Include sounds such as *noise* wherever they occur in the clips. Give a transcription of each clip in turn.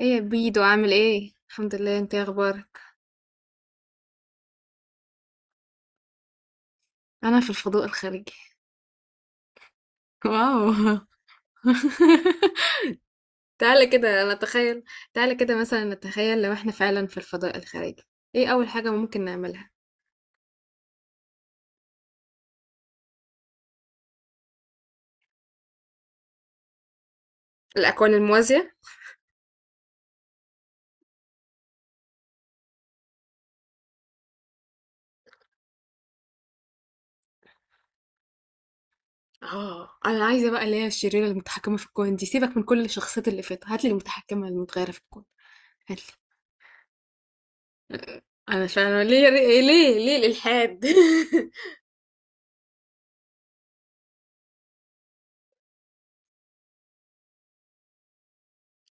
ايه يا بيدو؟ عامل ايه؟ الحمد لله. انت إيه اخبارك؟ انا في الفضاء الخارجي. واو. *laughs* تعالى كده نتخيل، تعالى كده مثلا نتخيل لو احنا فعلا في الفضاء الخارجي، ايه اول حاجة ممكن نعملها؟ الاكوان الموازية. اه، انا عايزة بقى اللي هي الشريرة المتحكمة في الكون دي، سيبك من كل الشخصيات اللي فاتت، هاتلي المتحكمة المتغيرة في الكون، هاتلي. انا فعلا؟ ليه ليه؟ ليه الالحاد؟ *laughs*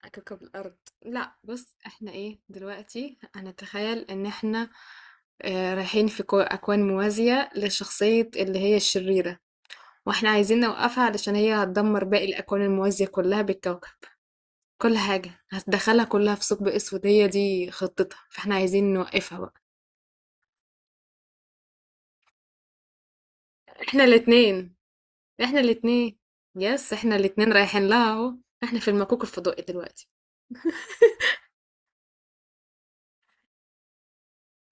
على كوكب الأرض. لا بص، احنا ايه دلوقتي؟ هنتخيل ان احنا رايحين في أكوان موازية لشخصية اللي هي الشريرة، واحنا عايزين نوقفها علشان هي هتدمر باقي الأكوان الموازية كلها بالكوكب، كل حاجة هتدخلها كلها في ثقب أسود. هي دي خطتها، فاحنا عايزين نوقفها بقى. احنا الاتنين، احنا الاتنين. يس احنا الاتنين رايحين لها اهو. احنا في المكوك الفضائي دلوقتي.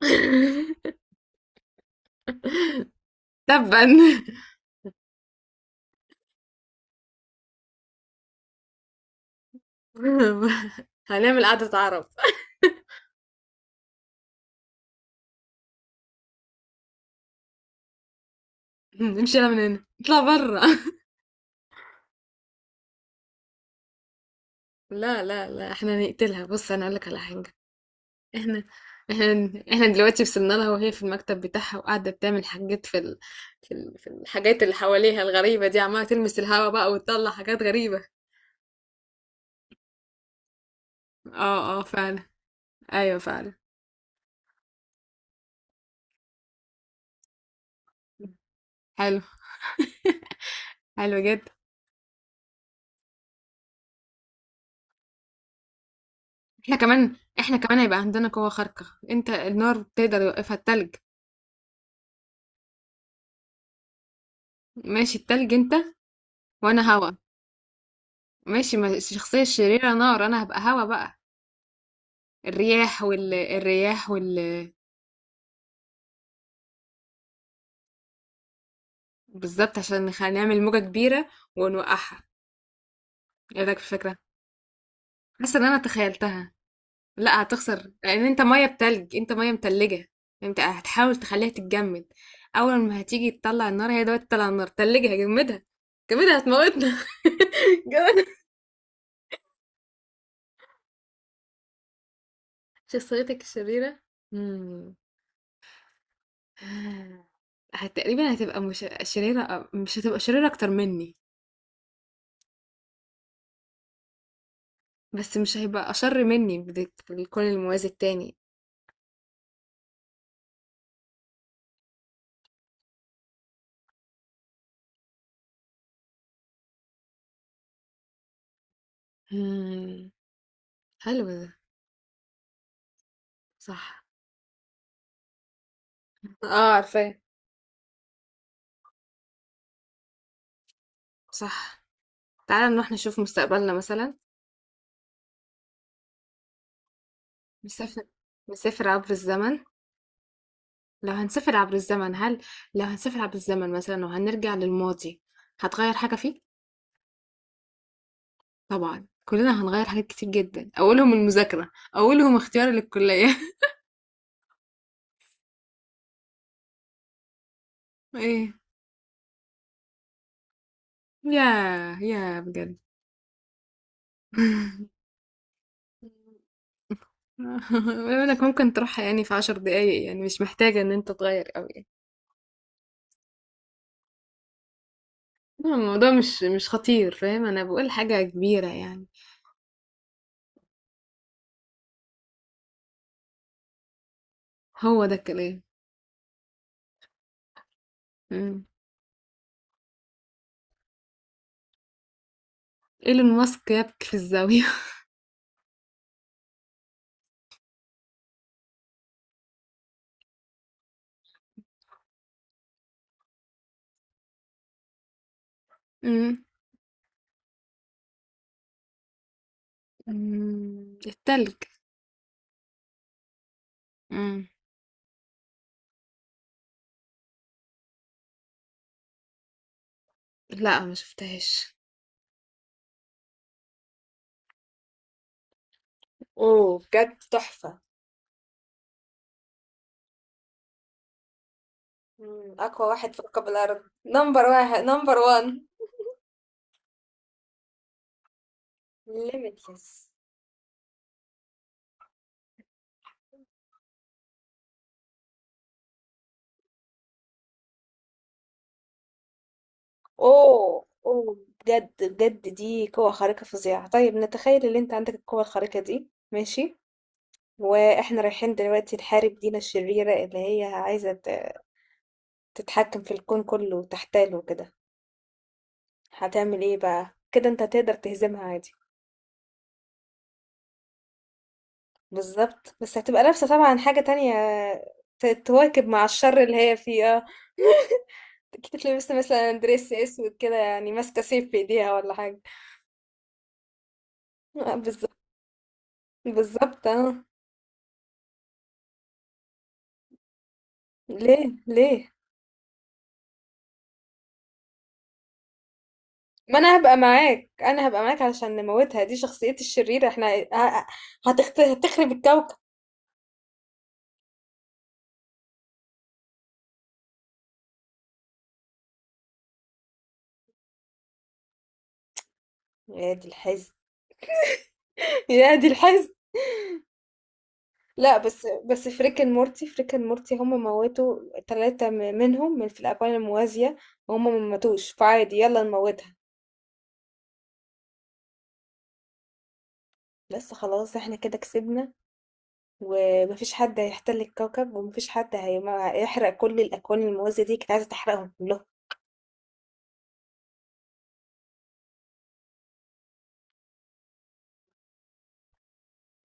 *laughs* تبا. *laughs* هنعمل قعدة عرب. *laughs* نمشي يلا من هنا، اطلع برا. *laughs* لا لا لا، احنا نقتلها. بص انا اقولك على حاجه، احنا احنا دلوقتي وصلنا لها وهي في المكتب بتاعها وقاعده بتعمل حاجات في الحاجات اللي حواليها الغريبه دي، عماله تلمس الهوا بقى وتطلع حاجات غريبه. اه اه فعلا. ايوه فعلا. حلو، حلو جدا. احنا كمان، احنا كمان هيبقى عندنا قوه خارقه. انت النار تقدر يوقفها التلج. ماشي، التلج انت وانا هوا. ماشي، ما الشخصيه الشريره نار، انا هبقى هوا بقى. الرياح وال... الرياح وال... بالظبط، عشان نعمل موجة كبيرة ونوقعها. ايه رأيك في الفكرة؟ حاسة ان انا تخيلتها. لا، هتخسر لان انت مية بتلج، انت مية متلجة. انت هتحاول تخليها تتجمد، اول ما هتيجي تطلع النار، هي دلوقتي تطلع النار تلجها، جمدها، جمدها هتموتنا. *laughs* جمدها. شخصيتك الشريرة. مم. تقريبا هتبقى مش شريرة، مش هتبقى شريرة أكتر مني. بس مش هيبقى أشر مني بكل الموازي التاني. إمم، حلو ده. صح. آه، عارفاه. صح. تعالَ نروح نشوف مستقبلنا مثلًا. نسافر، نسافر عبر الزمن. لو هنسافر عبر الزمن هل، لو هنسافر عبر الزمن مثلًا وهنرجع للماضي، هتغيّر حاجة فيه؟ طبعًا، كلنا هنغيّر حاجات كتير جدًا، أولهم المذاكرة، أولهم اختياري للكلية. *laughs* إيه. ياه! ياه بجد! *laughs* بما إنك ممكن تروحها يعني في 10 دقايق، يعني مش محتاجة إن أنت تغيّر أوي يعني. لا، الموضوع مش خطير فاهم، انا بقول حاجة كبيرة يعني. هو ده الكلام. مم. ايلون ماسك يبكي في الزاوية. *laughs* مم. مم. التلج. مم. لا، ما شفتهاش. اوه بجد تحفة. مم، اقوى واحد في كوكب الارض، نمبر واحد، نمبر وان. ليميتلس. اوه اوه. بجد بجد دي قوة خارقة فظيعة. طيب نتخيل ان انت عندك القوة الخارقة دي، ماشي، واحنا رايحين دلوقتي نحارب دينا الشريرة اللي هي عايزة تتحكم في الكون كله وتحتاله كده، هتعمل ايه بقى كده؟ انت هتقدر تهزمها عادي؟ بالظبط، بس هتبقى لابسة طبعا حاجة تانية، تواكب مع الشر اللي هي فيه. اه اكيد تلبس مثلا دريس اسود كده يعني، ماسكة سيف في ايديها ولا حاجة. آه، بالظبط. بالظبط اه. ليه ليه؟ ما انا هبقى معاك، انا هبقى معاك علشان نموتها، دي شخصيتي الشريرة، احنا هتخرب الكوكب. يا دي الحزن. *laughs* يا دي الحزن. لا بس بس، فريك اند مورتي، فريك اند مورتي هم موتوا 3 منهم من في الأكوان الموازية، وهم ما ماتوش، فعادي يلا نموتها. بس خلاص، احنا كده كسبنا، ومفيش حد هيحتل الكوكب، ومفيش حد هيحرق كل الأكوان الموازية دي كنت عايزة تحرقهم كلهم.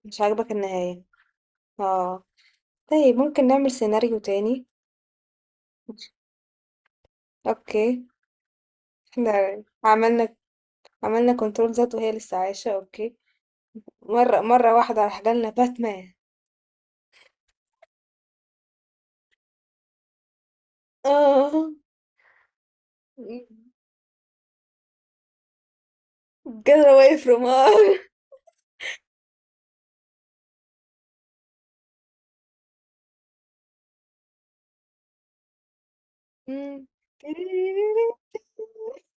مش عاجبك النهاية؟ اه. طيب ممكن نعمل سيناريو تاني. اوكي، احنا عملنا، عملنا كنترول ذات، وهي لسه عايشة اوكي. مرة واحدة راح جالنا باتمان. اه. Get away from us. إمم. *laughs*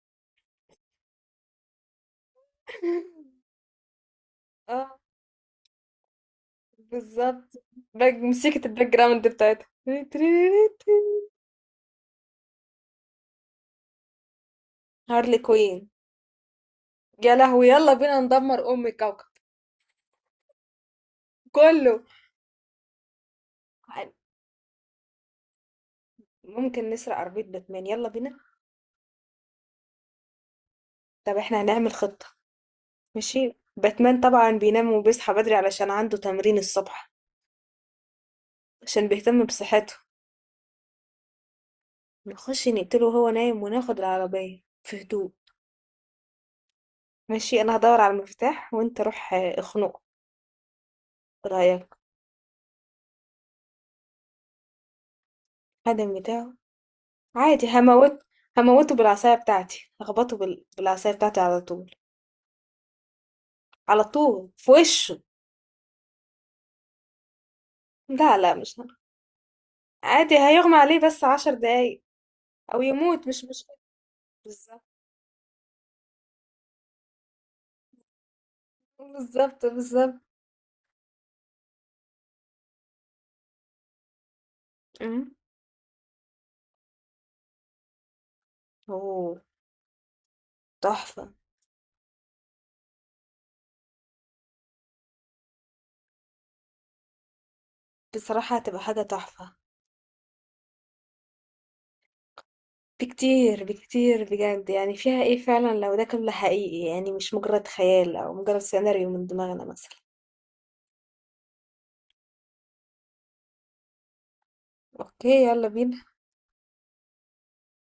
آه، بالضبط. باك، موسيقى الback ground بتاعتها. هارلي كوين. يا لهوي! يالّا بينا ندمّر أم الكوكب كُلّه. عن، ممكن نسرق عربية باتمان، يالّا بينا. طب إحنا هنعمل خطة. ماشي، باتمان طبعًا بينام وبيصحى بدري علشان عنده تمرين الصبح، عشان بيهتم بصحته. نخش نقتله وهو نايم وناخد العربية في هدوء. ماشي، انا هدور على المفتاح وانت روح اخنقه. إيه رايك؟ الخادم بتاعه، عادي هموت، هموته بالعصايه بتاعتي، هخبطه بالعصايه بتاعتي على طول، على طول في وشه. لا لا مش هن- عادي هيغمى عليه بس 10 دقايق، او يموت مش مش بالظبط. بالظبط، بالظبط. أمم. اوه تحفه. بصراحه هتبقى حاجه تحفه. بكتير بكتير بجد، يعني فيها ايه فعلا لو ده كله حقيقي، يعني مش مجرد خيال او مجرد سيناريو من دماغنا مثلا. اوكي يلا بينا.